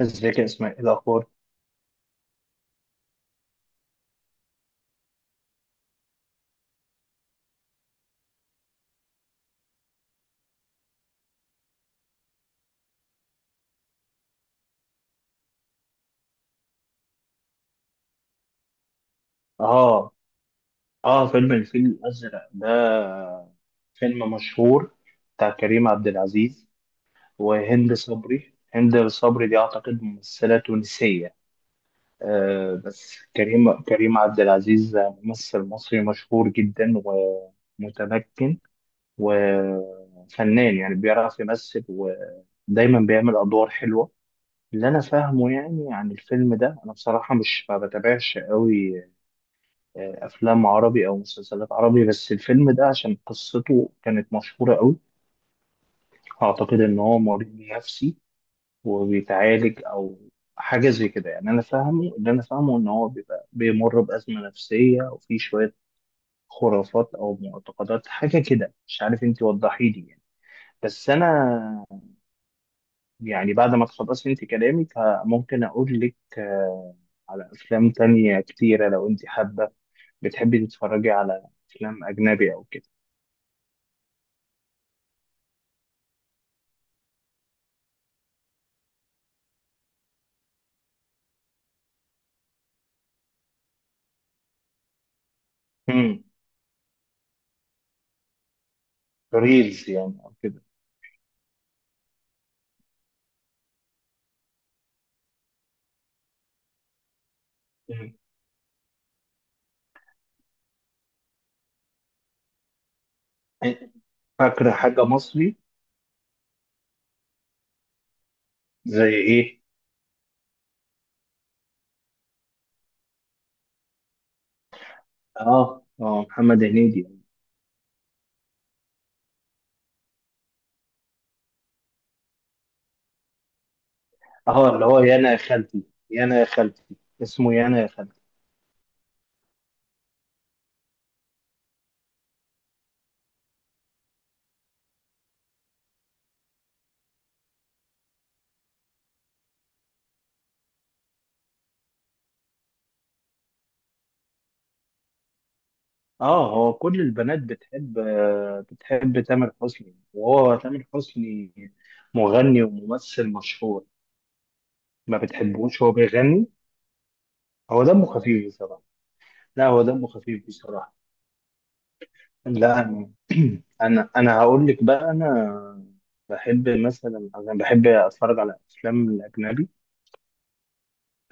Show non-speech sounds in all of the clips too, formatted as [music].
ازيك يا اسماء، ايه الاخبار؟ اه. اه، فيلم الفيل الازرق ده فيلم مشهور، بتاع كريم عبد العزيز وهند صبري. هند صبري دي اعتقد ممثله تونسيه. بس كريم عبد العزيز ممثل مصري مشهور جدا ومتمكن وفنان، يعني بيعرف يمثل ودايما بيعمل ادوار حلوه. اللي انا فاهمه يعني عن الفيلم ده، انا بصراحه مش ما بتابعش قوي افلام عربي او مسلسلات عربي، بس الفيلم ده عشان قصته كانت مشهوره قوي. اعتقد ان هو مريض نفسي وبيتعالج او حاجه زي كده. يعني انا فاهمه، اللي انا فاهمه ان هو بيبقى بيمر بازمه نفسيه وفي شويه خرافات او معتقدات، حاجه كده مش عارف. انت وضحي لي يعني. بس انا يعني بعد ما تخلصي انت كلامك ممكن اقول لك على افلام تانية كتيره لو انت حابه. بتحبي تتفرجي على افلام اجنبي او كده؟ ريلز يعني او كده. مم. فاكره حاجه مصري؟ زي ايه؟ اه اه، محمد هنيدي. اه، اللي هو يا انا يا خالتي. يا انا يا خالتي. اسمه يا انا يا خالتي. اه، هو كل البنات بتحب، بتحب تامر حسني. وهو تامر حسني مغني وممثل مشهور. ما بتحبوش هو بيغني؟ هو دمه خفيف بصراحه. لا هو دمه خفيف بصراحه. لا انا [clears throat] أنا هقول لك بقى. انا بحب مثلا، انا بحب اتفرج على افلام الاجنبي.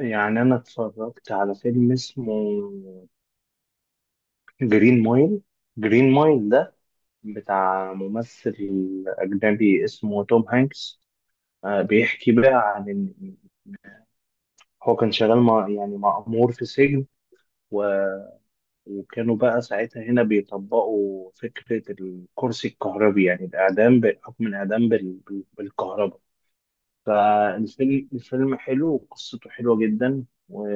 يعني انا اتفرجت على فيلم اسمه جرين مايل. جرين مايل ده بتاع ممثل اجنبي اسمه توم هانكس. بيحكي بقى عن إن هو كان شغال مع، يعني مأمور في سجن. و- وكانوا بقى ساعتها هنا بيطبقوا فكرة الكرسي الكهربي، يعني الإعدام، بحكم الإعدام بالكهرباء. الفيلم حلو وقصته حلوة جدا،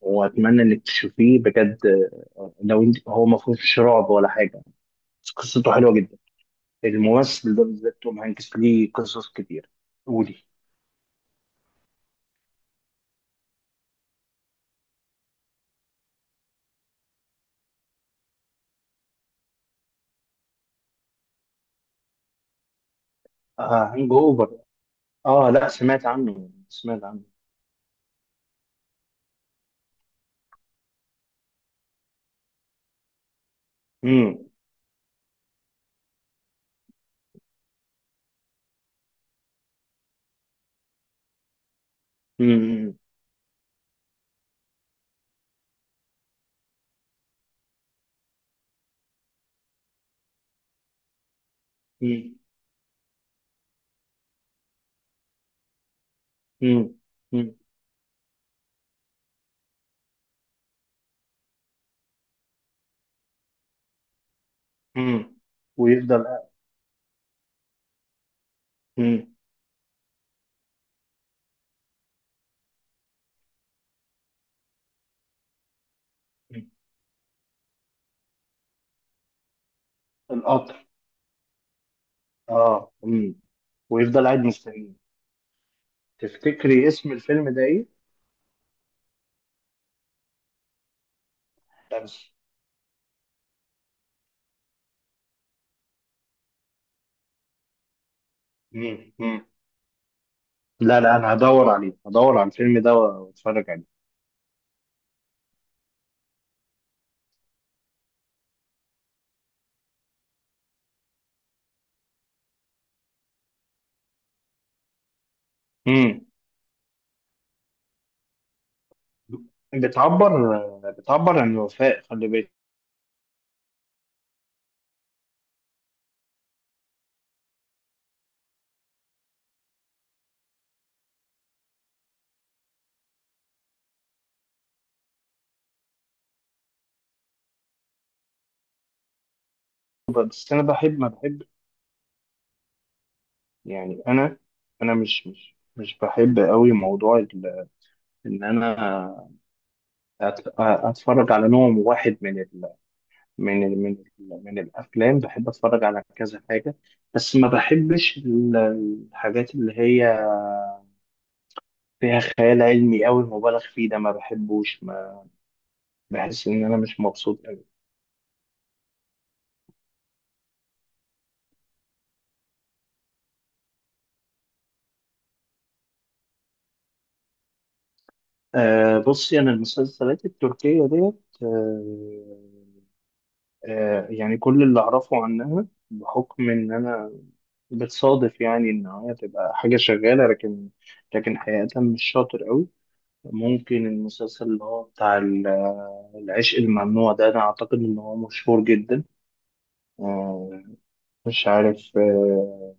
وأتمنى إنك تشوفيه بجد. لو انت، هو ما فيهوش رعب ولا حاجة، بس قصته حلوة جدا. الممثل ده بالذات توم هانكس ليه قصص كتير. قولي. آه، هانج أوفر. آه لا، سمعت عنه، سمعت عنه. مم. مم. مم. مم. مم. مم. ويفضل. مم. مم. القطر. آه مم. ويفضل قاعد مستني. تفتكري اسم الفيلم ده إيه؟ دبش. مم. مم. لا لا، انا هدور عليه، هدور على الفيلم ده واتفرج عليه. مم. بتعبر، بتعبر عن الوفاء، خلي بالك. بس انا بحب، ما بحب يعني. انا مش بحب قوي موضوع ان انا اتفرج على نوع واحد من ال من ال من ال من الافلام. بحب اتفرج على كذا حاجه، بس ما بحبش الحاجات اللي هي فيها خيال علمي قوي مبالغ فيه. ده ما بحبوش. بحس إن أنا مش مبسوط أوي. أه بصي، أنا المسلسلات التركية ديت، أه أه، يعني كل اللي أعرفه عنها بحكم إن أنا بتصادف يعني إن هي تبقى حاجة شغالة، لكن لكن حقيقة مش شاطر أوي. ممكن المسلسل اللي هو بتاع العشق الممنوع ده، أنا أعتقد إن هو مشهور جدا. أه، مش عارف. أه،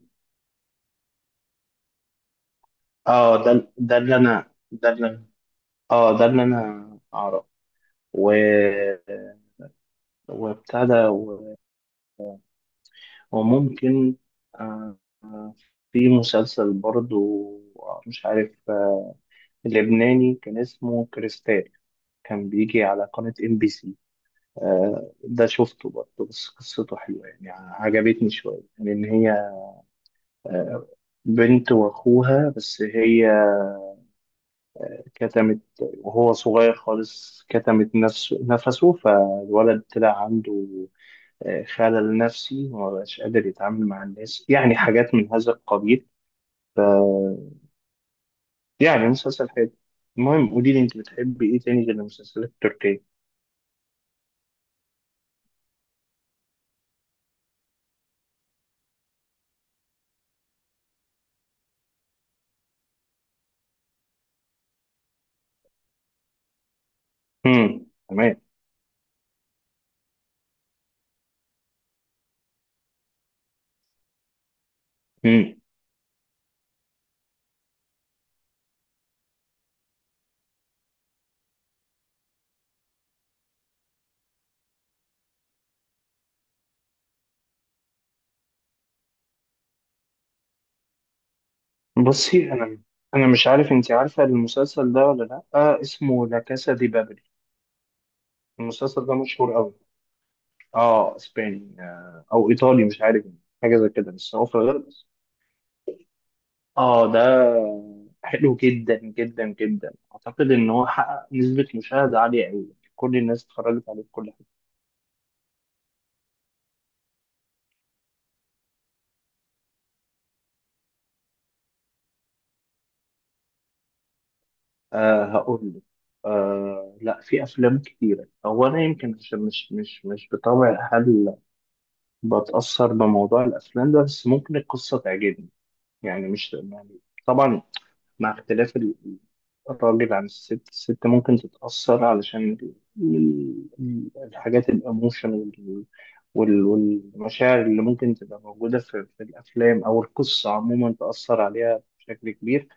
آه، ده ده اللي أنا ده اللي أنا- آه ده اللي أنا أعرفه. و، وبتاع ده، وممكن، آه، آه، في مسلسل برضو، مش عارف، لبناني كان اسمه كريستال، كان بيجي على قناة ام بي سي. ده شفته برضه، بس قصته حلوة يعني عجبتني شوية، لأن هي آه، بنت وأخوها، بس هي كتمت وهو صغير خالص، كتمت نفسه، فالولد طلع عنده خلل نفسي وما بقاش قادر يتعامل مع الناس، يعني حاجات من هذا القبيل. ف، يعني مسلسل حلو. المهم قولي لي، انت بتحبي ايه تاني غير المسلسلات التركية؟ امم، تمام. امم. بصي انا، انا مش عارف انت عارفة المسلسل ده ولا لا، آه اسمه لا كاسا دي بابل. المسلسل ده مشهور قوي. اه اسباني، آه او ايطالي مش عارف، حاجة زي كده، بس هو في الغرب. اه ده حلو جدا جدا جدا. اعتقد ان هو حقق نسبة مشاهدة عالية قوي، كل الناس اتفرجت عليه في كل حتة. آه هقول لك. آه، لا في افلام كتيرة. هو انا يمكن عشان مش بطبع هل بتأثر بموضوع الافلام ده، بس ممكن القصة تعجبني. يعني مش يعني، طبعا مع اختلاف الراجل عن الست. الست ممكن تتأثر علشان الحاجات الاموشن والمشاعر اللي ممكن تبقى موجودة في، في الأفلام أو القصة عموما، تأثر عليها بشكل كبير.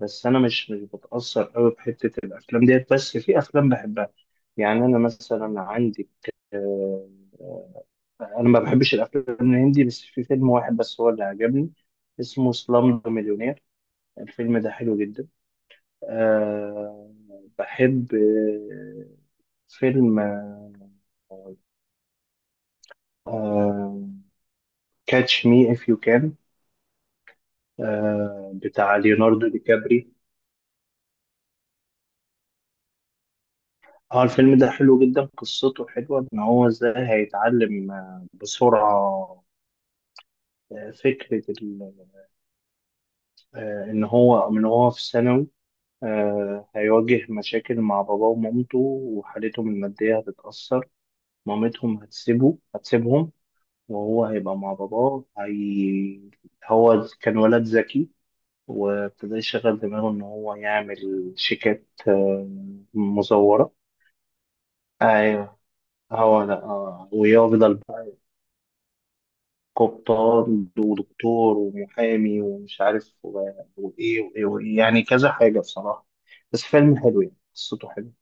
بس أنا مش بتأثر أوي بحتة الأفلام ديت، بس في أفلام بحبها. يعني أنا مثلا عندي، آه، أنا ما بحبش الأفلام الهندي، بس في فيلم واحد بس هو اللي عجبني، اسمه سلام مليونير. الفيلم ده حلو جدا. أه، بحب فيلم أه، كاتش مي إف يو كان، بتاع ليوناردو دي كابري. اه، الفيلم ده حلو جدا، قصته حلوة. ان هو ازاي هيتعلم بسرعة فكرة ان هو من، هو في ثانوي، هيواجه مشاكل مع باباه ومامته، وحالتهم المادية هتتأثر، مامتهم هتسيبه هتسيبهم. وهو هيبقى مع باباه. هو كان ولد ذكي، وابتدى يشغل دماغه ان هو يعمل شيكات مزورة. ايوه. هو لا ويفضل بقى قبطان ودكتور ومحامي ومش عارف وإيه وإيه وإيه، يعني كذا حاجة بصراحة، بس فيلم حلو، يعني قصته حلوة.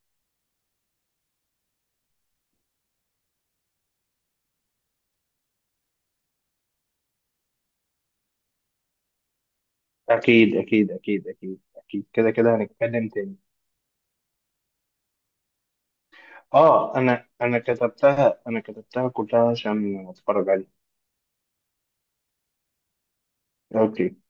أكيد أكيد أكيد أكيد أكيد، كده كده هنتكلم تاني. آه، أنا كتبتها، أنا كتبتها كلها عشان أتفرج عليها. أوكي.